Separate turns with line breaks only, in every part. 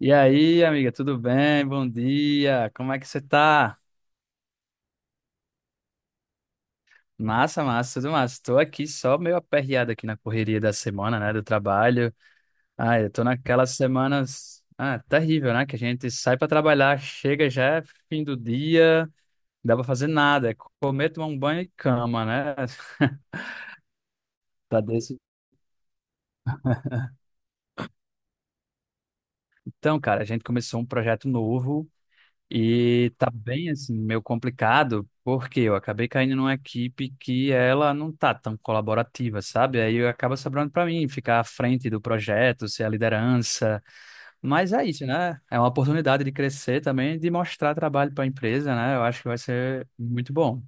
E aí, amiga, tudo bem? Bom dia. Como é que você tá? Massa, massa, tudo massa. Tô aqui só meio aperreado aqui na correria da semana, né, do trabalho. Ah, eu tô naquelas semanas, terrível, né, que a gente sai pra trabalhar, chega já é fim do dia, não dá pra fazer nada, é comer, tomar um banho e cama, né? Tá desse. Então, cara, a gente começou um projeto novo. E tá bem assim, meio complicado, porque eu acabei caindo numa equipe que ela não tá tão colaborativa, sabe? Aí acaba sobrando para mim ficar à frente do projeto, ser a liderança. Mas é isso, né? É uma oportunidade de crescer também, de mostrar trabalho para a empresa, né? Eu acho que vai ser muito bom.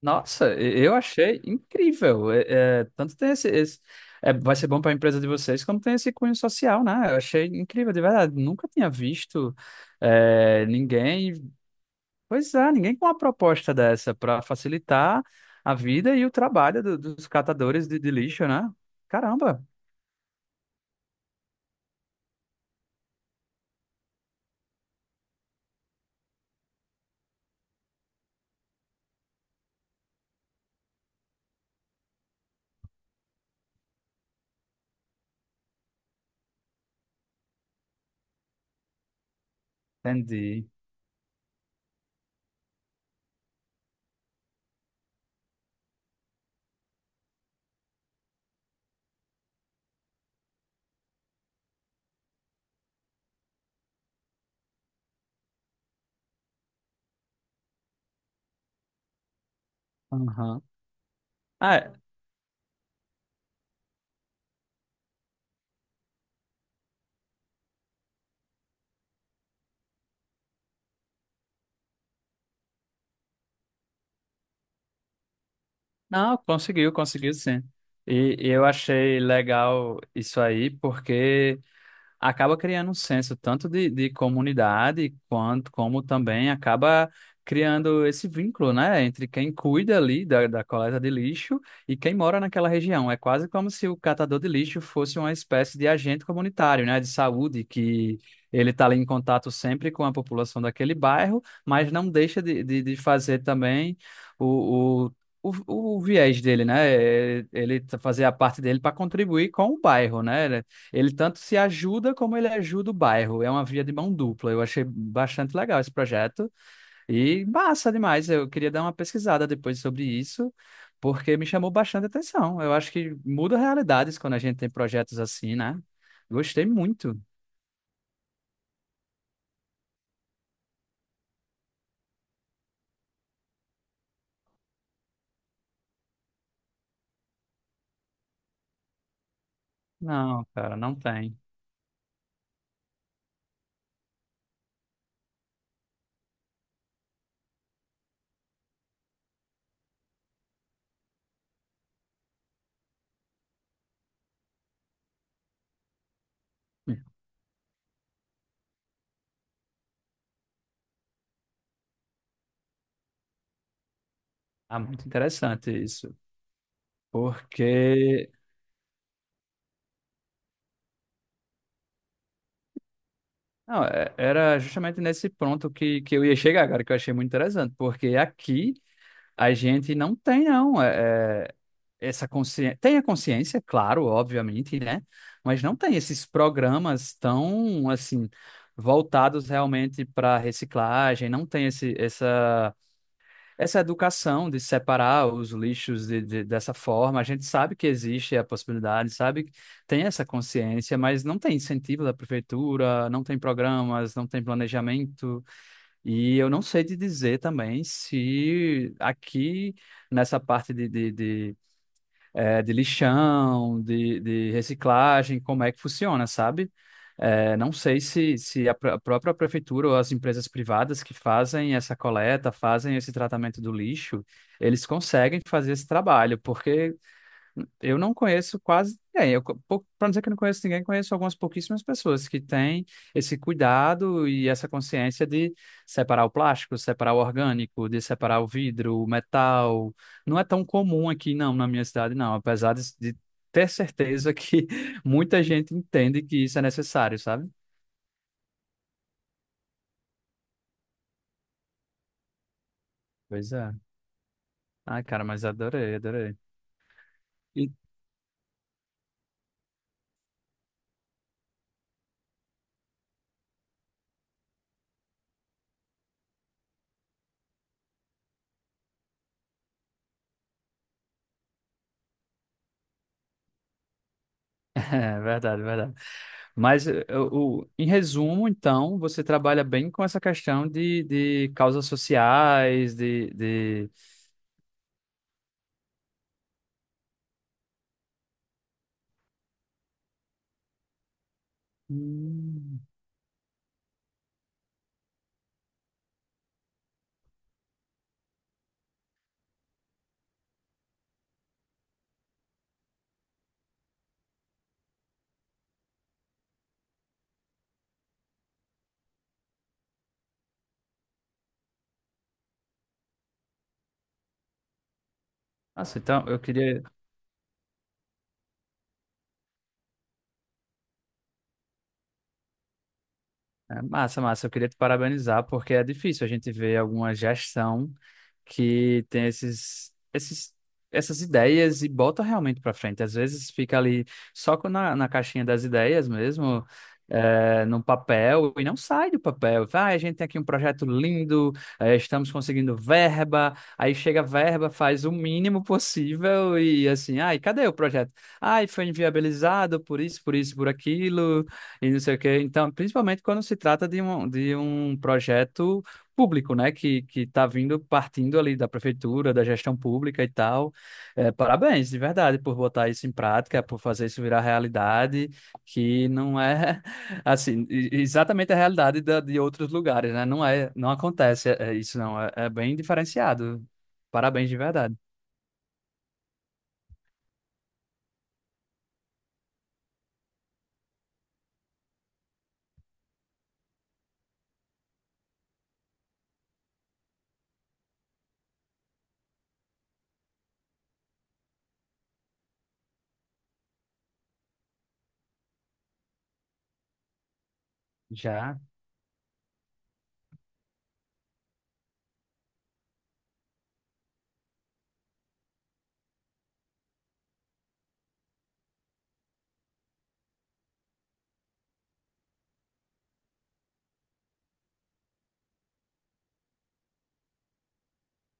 Nossa, eu achei incrível. É, é, tanto tem é, vai ser bom para a empresa de vocês, como tem esse cunho social, né? Eu achei incrível, de verdade. Nunca tinha visto. É, ninguém Pois é, ninguém com uma proposta dessa para facilitar a vida e o trabalho dos catadores de lixo, né? Caramba, entendi. Aham. Ah, é. Não, conseguiu, conseguiu sim. E eu achei legal isso aí, porque acaba criando um senso tanto de comunidade quanto como também acaba criando esse vínculo, né, entre quem cuida ali da coleta de lixo e quem mora naquela região. É quase como se o catador de lixo fosse uma espécie de agente comunitário, né, de saúde que ele está ali em contato sempre com a população daquele bairro, mas não deixa de fazer também o o- o viés dele, né? É, fazer a parte dele para contribuir com o bairro, né? Ele tanto se ajuda como ele ajuda o bairro. É uma via de mão dupla. Eu achei bastante legal esse projeto e massa demais. Eu queria dar uma pesquisada depois sobre isso, porque me chamou bastante atenção. Eu acho que muda realidades quando a gente tem projetos assim, né? Gostei muito. Não, cara, não tem. Ah, muito interessante isso, porque não, era justamente nesse ponto que eu ia chegar agora, que eu achei muito interessante, porque aqui a gente não tem, não, essa consciência. Tem a consciência, claro, obviamente, né? Mas não tem esses programas tão, assim, voltados realmente para reciclagem, não tem essa, essa educação de separar os lixos dessa forma. A gente sabe que existe a possibilidade, sabe? Que Tem essa consciência, mas não tem incentivo da prefeitura, não tem programas, não tem planejamento. E eu não sei te dizer também se aqui nessa parte de lixão, de reciclagem, como é que funciona, sabe? Não sei se a a própria prefeitura ou as empresas privadas que fazem essa coleta, fazem esse tratamento do lixo, eles conseguem fazer esse trabalho, porque eu não conheço quase ninguém. Pra não dizer que eu não conheço ninguém, conheço algumas pouquíssimas pessoas que têm esse cuidado e essa consciência de separar o plástico, separar o orgânico, de separar o vidro, o metal. Não é tão comum aqui, não, na minha cidade, não. Apesar de ter certeza que muita gente entende que isso é necessário, sabe? Pois é. Ai, cara, mas adorei, adorei. É verdade, verdade. Mas em resumo, então, você trabalha bem com essa questão de causas sociais, de... Hum. Nossa, então eu queria. É, massa, massa. Eu queria te parabenizar, porque é difícil a gente ver alguma gestão que tem essas ideias e bota realmente para frente. Às vezes fica ali na caixinha das ideias mesmo, é, no papel, e não sai do papel. Vai, "Ah, a gente tem aqui um projeto lindo, é, estamos conseguindo verba, aí chega a verba, faz o mínimo possível e assim, ai, cadê o projeto? Ai, foi inviabilizado por isso, por isso, por aquilo e não sei o quê." Então, principalmente quando se trata de um projeto público, né, que está vindo partindo ali da prefeitura, da gestão pública e tal. É, parabéns, de verdade, por botar isso em prática, por fazer isso virar realidade, que não é assim exatamente a realidade de outros lugares, né? Não é, não acontece é, é isso, não. É, é bem diferenciado. Parabéns, de verdade. Já.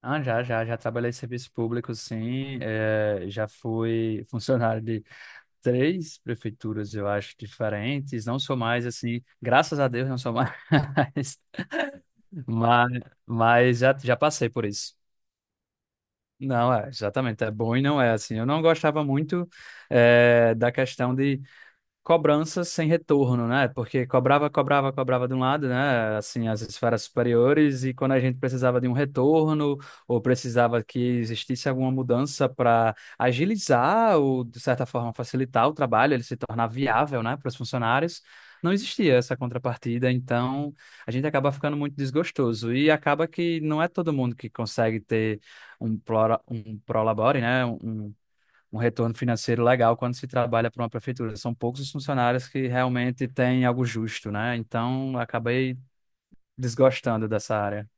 Ah, já trabalhei em serviço público, sim. É, já fui funcionário de três prefeituras, eu acho, diferentes. Não sou mais assim, graças a Deus não sou mais, mas, mas já passei por isso. Não, é, exatamente, é bom e não é assim. Eu não gostava muito da questão de cobranças sem retorno, né? Porque cobrava, cobrava, cobrava de um lado, né? Assim, as esferas superiores, e quando a gente precisava de um retorno, ou precisava que existisse alguma mudança para agilizar ou, de certa forma, facilitar o trabalho, ele se tornar viável, né, para os funcionários. Não existia essa contrapartida, então a gente acaba ficando muito desgostoso e acaba que não é todo mundo que consegue ter um prolabore, né? Um retorno financeiro legal quando se trabalha para uma prefeitura. São poucos os funcionários que realmente têm algo justo, né? Então, acabei desgostando dessa área.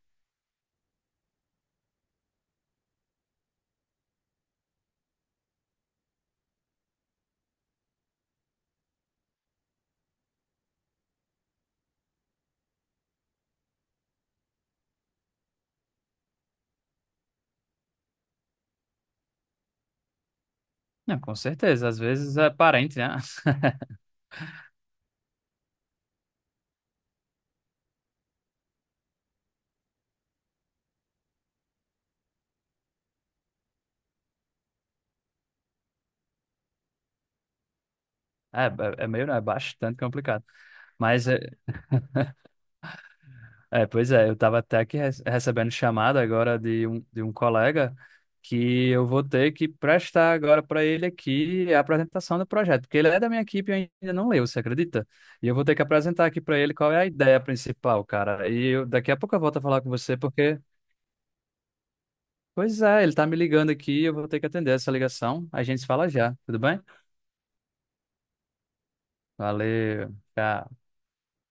Não, com certeza. Às vezes é parente, né? É, é meio, né? É bastante complicado. Mas é, É, pois é, eu estava até aqui recebendo chamada agora de um colega que eu vou ter que prestar agora para ele aqui a apresentação do projeto, porque ele é da minha equipe e eu ainda não leu, você acredita? E eu vou ter que apresentar aqui para ele qual é a ideia principal, cara. E eu- daqui a pouco eu volto a falar com você, porque, pois é, ele tá me ligando aqui, e eu vou ter que atender essa ligação. A gente se fala já, tudo bem? Valeu, tchau.